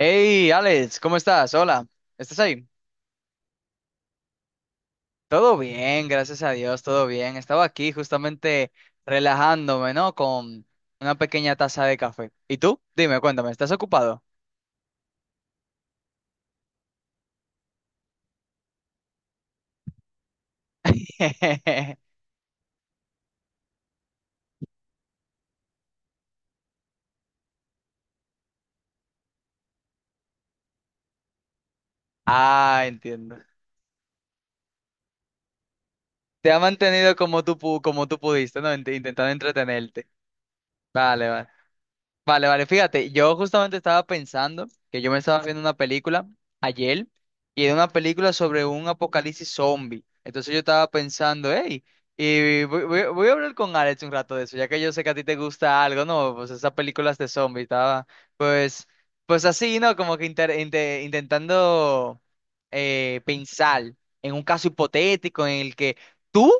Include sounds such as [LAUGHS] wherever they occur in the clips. Hey, Alex, ¿cómo estás? Hola, ¿estás ahí? Todo bien, gracias a Dios, todo bien. Estaba aquí justamente relajándome, ¿no? Con una pequeña taza de café. ¿Y tú? Dime, cuéntame, ¿estás ocupado? [LAUGHS] Ah, entiendo. Te ha mantenido como tú, como tú pudiste, ¿no? Intentando entretenerte. Vale, vale. Vale, vale, fíjate, yo justamente estaba pensando que yo me estaba viendo una película ayer y era una película sobre un apocalipsis zombie. Entonces yo estaba pensando, hey, y voy a hablar con Alex un rato de eso, ya que yo sé que a ti te gusta algo, ¿no? Pues esas películas de zombie, estaba, pues, pues así, ¿no? Como que intentando pensar en un caso hipotético en el que tú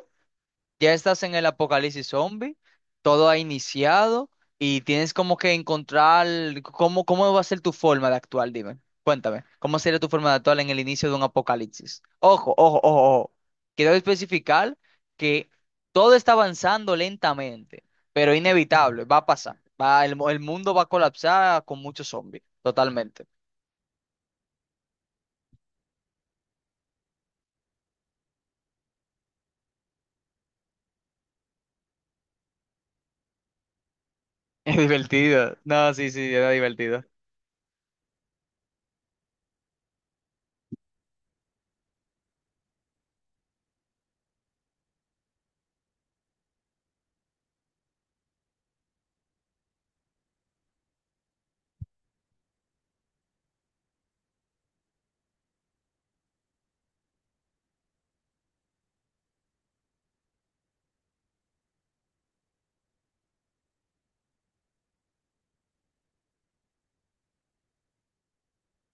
ya estás en el apocalipsis zombie, todo ha iniciado y tienes como que encontrar cómo, cómo va a ser tu forma de actuar, dime. Cuéntame, ¿cómo sería tu forma de actuar en el inicio de un apocalipsis? Ojo, ojo, ojo, ojo. Quiero especificar que todo está avanzando lentamente, pero inevitable, va a pasar. Va, el mundo va a colapsar con muchos zombies, totalmente. [LAUGHS] Es divertido. No, sí, sí, era divertido.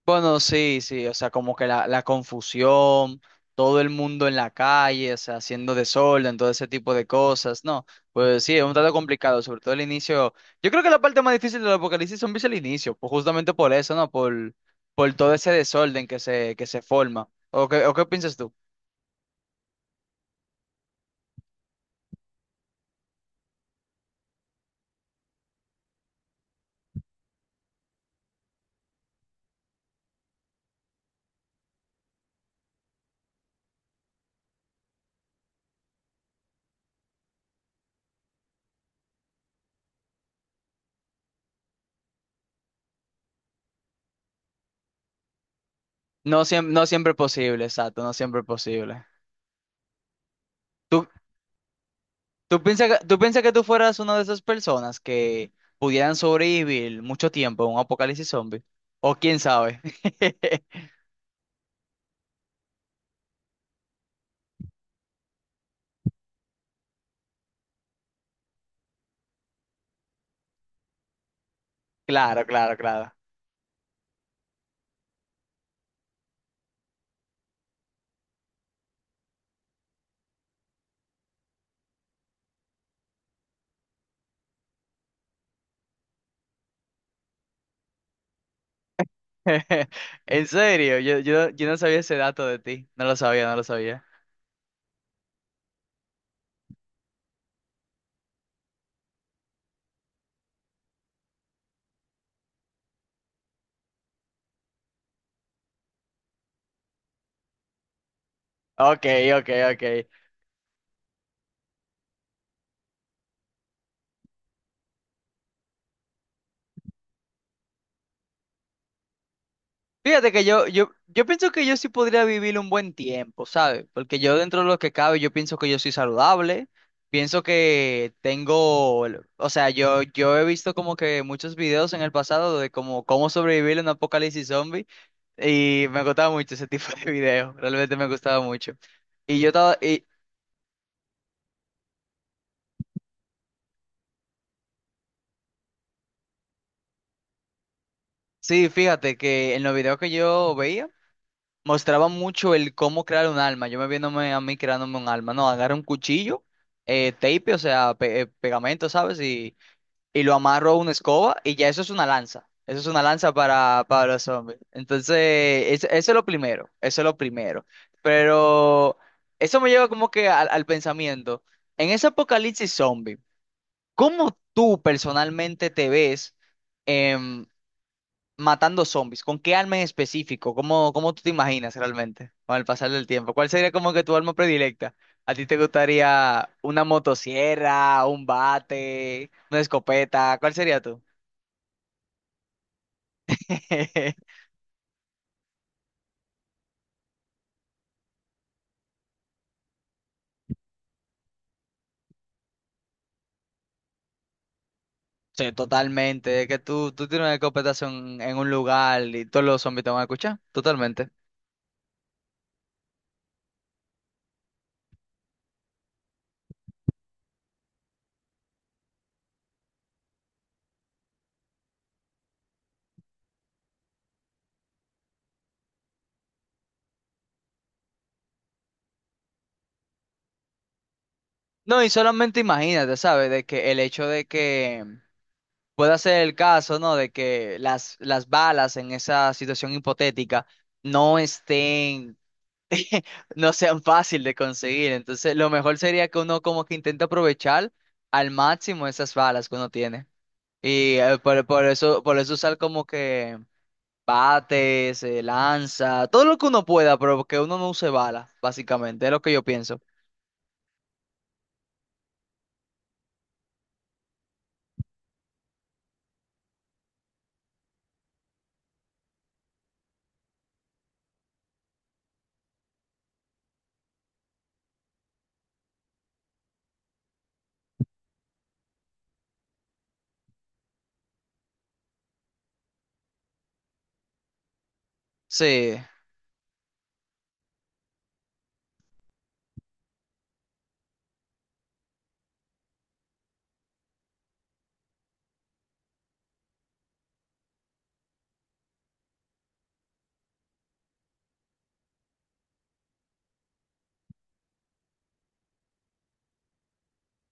Bueno, sí, sí, o sea, como que la confusión, todo el mundo en la calle, o sea, haciendo desorden, todo ese tipo de cosas, no, pues sí, es un tanto complicado, sobre todo el inicio. Yo creo que la parte más difícil del apocalipsis zombie es el inicio, pues justamente por eso, ¿no? Por todo ese desorden que se forma. O qué piensas tú? No, no siempre es posible, exacto, no siempre es posible. tú ¿Tú piensas que, tú piensas que tú fueras una de esas personas que pudieran sobrevivir mucho tiempo a un apocalipsis zombie? ¿O quién sabe? [LAUGHS] Claro, claro, claro. [LAUGHS] En serio, yo no sabía ese dato de ti. No lo sabía, no lo sabía. Ok, ok, ok. Fíjate que yo pienso que yo sí podría vivir un buen tiempo, ¿sabes? Porque yo dentro de lo que cabe, yo pienso que yo soy saludable, pienso que tengo, o sea, yo he visto como que muchos videos en el pasado de como cómo sobrevivir en un apocalipsis zombie y me gustaba mucho ese [LAUGHS] tipo de videos, realmente me gustaba mucho. Y yo estaba, y, sí, fíjate que en los videos que yo veía, mostraba mucho el cómo crear un alma. Yo me viéndome a mí creándome un alma. No, agarro un cuchillo, tape, o sea, pegamento, ¿sabes? Y lo amarro a una escoba y ya eso es una lanza. Eso es una lanza para los zombies. Entonces, eso es lo primero. Eso es lo primero. Pero eso me lleva como que al, al pensamiento. En ese apocalipsis zombie, ¿cómo tú personalmente te ves? em, matando zombies, ¿con qué arma en específico? ¿Cómo, cómo tú te imaginas realmente con el pasar del tiempo? ¿Cuál sería como que tu arma predilecta? ¿A ti te gustaría una motosierra, un bate, una escopeta? ¿Cuál sería tú? [LAUGHS] Sí, totalmente. Es que tú tienes una escopeta en un lugar y todos los zombies te van a escuchar. Totalmente. No, y solamente imagínate, ¿sabes? De que el hecho de que pueda ser el caso, ¿no? De que las balas en esa situación hipotética no estén [LAUGHS] no sean fácil de conseguir. Entonces, lo mejor sería que uno como que intente aprovechar al máximo esas balas que uno tiene. Y por eso usar como que bates, lanza, todo lo que uno pueda, pero que uno no use balas, básicamente, es lo que yo pienso. Sí,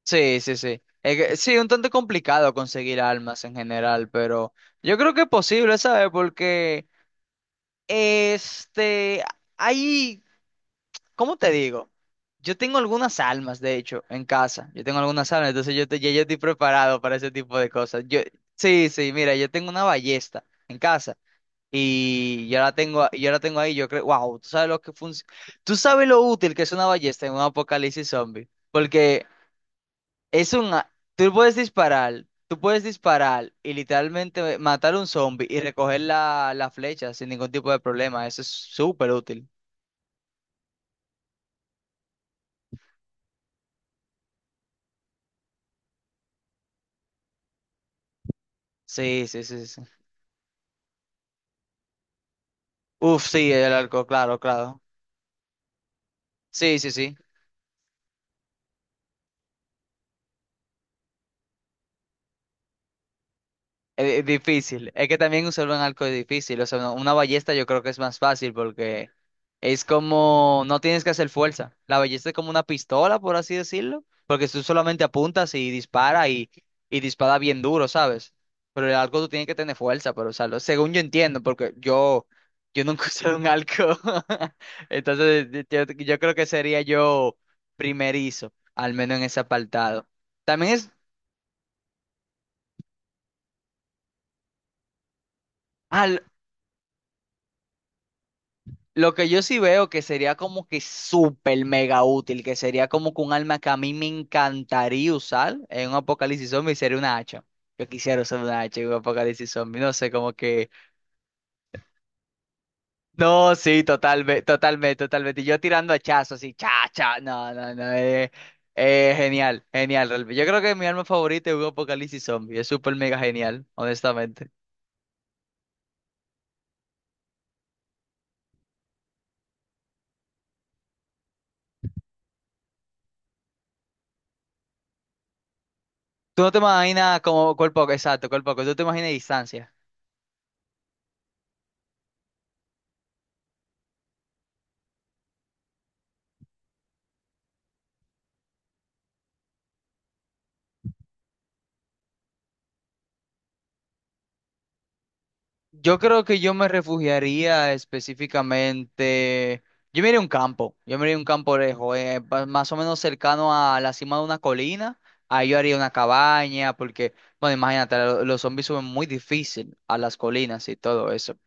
sí, sí, sí. Sí, un tanto complicado conseguir armas en general, pero yo creo que es posible, ¿sabes? Porque este, hay ¿Cómo te digo? Yo tengo algunas almas, de hecho, en casa. Yo tengo algunas almas, entonces yo, ya yo estoy preparado para ese tipo de cosas. Yo, sí, sí, mira, yo tengo una ballesta en casa y yo la tengo, yo la tengo ahí. Yo creo, wow, tú sabes lo útil que es una ballesta en un apocalipsis zombie, porque es una, tú puedes disparar y literalmente matar a un zombie y recoger la, la flecha sin ningún tipo de problema. Eso es súper útil. Sí, sí, sí, sí. Uf, sí, el arco, claro, claro. Sí, sí, sí. Es difícil. Es que también usar un arco es difícil. O sea, una ballesta yo creo que es más fácil porque es como, no tienes que hacer fuerza. La ballesta es como una pistola, por así decirlo, porque tú solamente apuntas y dispara bien duro, ¿sabes? Pero el arco tú tienes que tener fuerza para usarlo. Según yo entiendo, porque yo nunca [LAUGHS] he usado un arco. [LAUGHS] Entonces, yo creo que sería yo primerizo, al menos en ese apartado. También es Ah, l- lo que yo sí veo que sería como que súper mega útil, que sería como que un arma que a mí me encantaría usar en un apocalipsis zombie sería una hacha. Yo quisiera usar una hacha en un apocalipsis zombie, no sé, como que... No, sí, totalmente, totalmente, totalmente. Y yo tirando hachazos así, cha, cha, no, no, no, genial, genial. Realmente. Yo creo que mi arma favorita es un apocalipsis zombie, es súper mega genial, honestamente. Tú no te imaginas como cuerpo, exacto, cuerpo, tú te imaginas distancia. Yo creo que yo me refugiaría específicamente. Yo me iría a un campo, yo me iría a un campo lejos, más o menos cercano a la cima de una colina. Ahí yo haría una cabaña, porque, bueno, imagínate, los zombies suben muy difícil a las colinas y todo eso.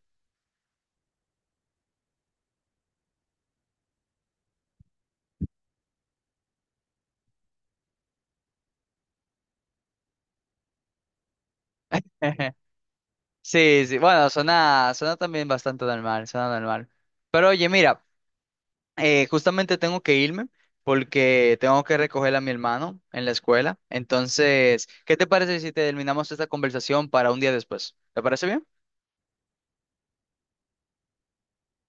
[LAUGHS] Sí, sí, bueno, suena, suena también bastante normal, suena normal. Pero oye, mira. Justamente tengo que irme porque tengo que recoger a mi hermano en la escuela. Entonces, ¿qué te parece si terminamos esta conversación para un día después? ¿Te parece bien?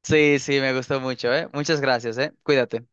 Sí, sí, me gustó mucho, ¿eh? Muchas gracias, ¿eh? Cuídate.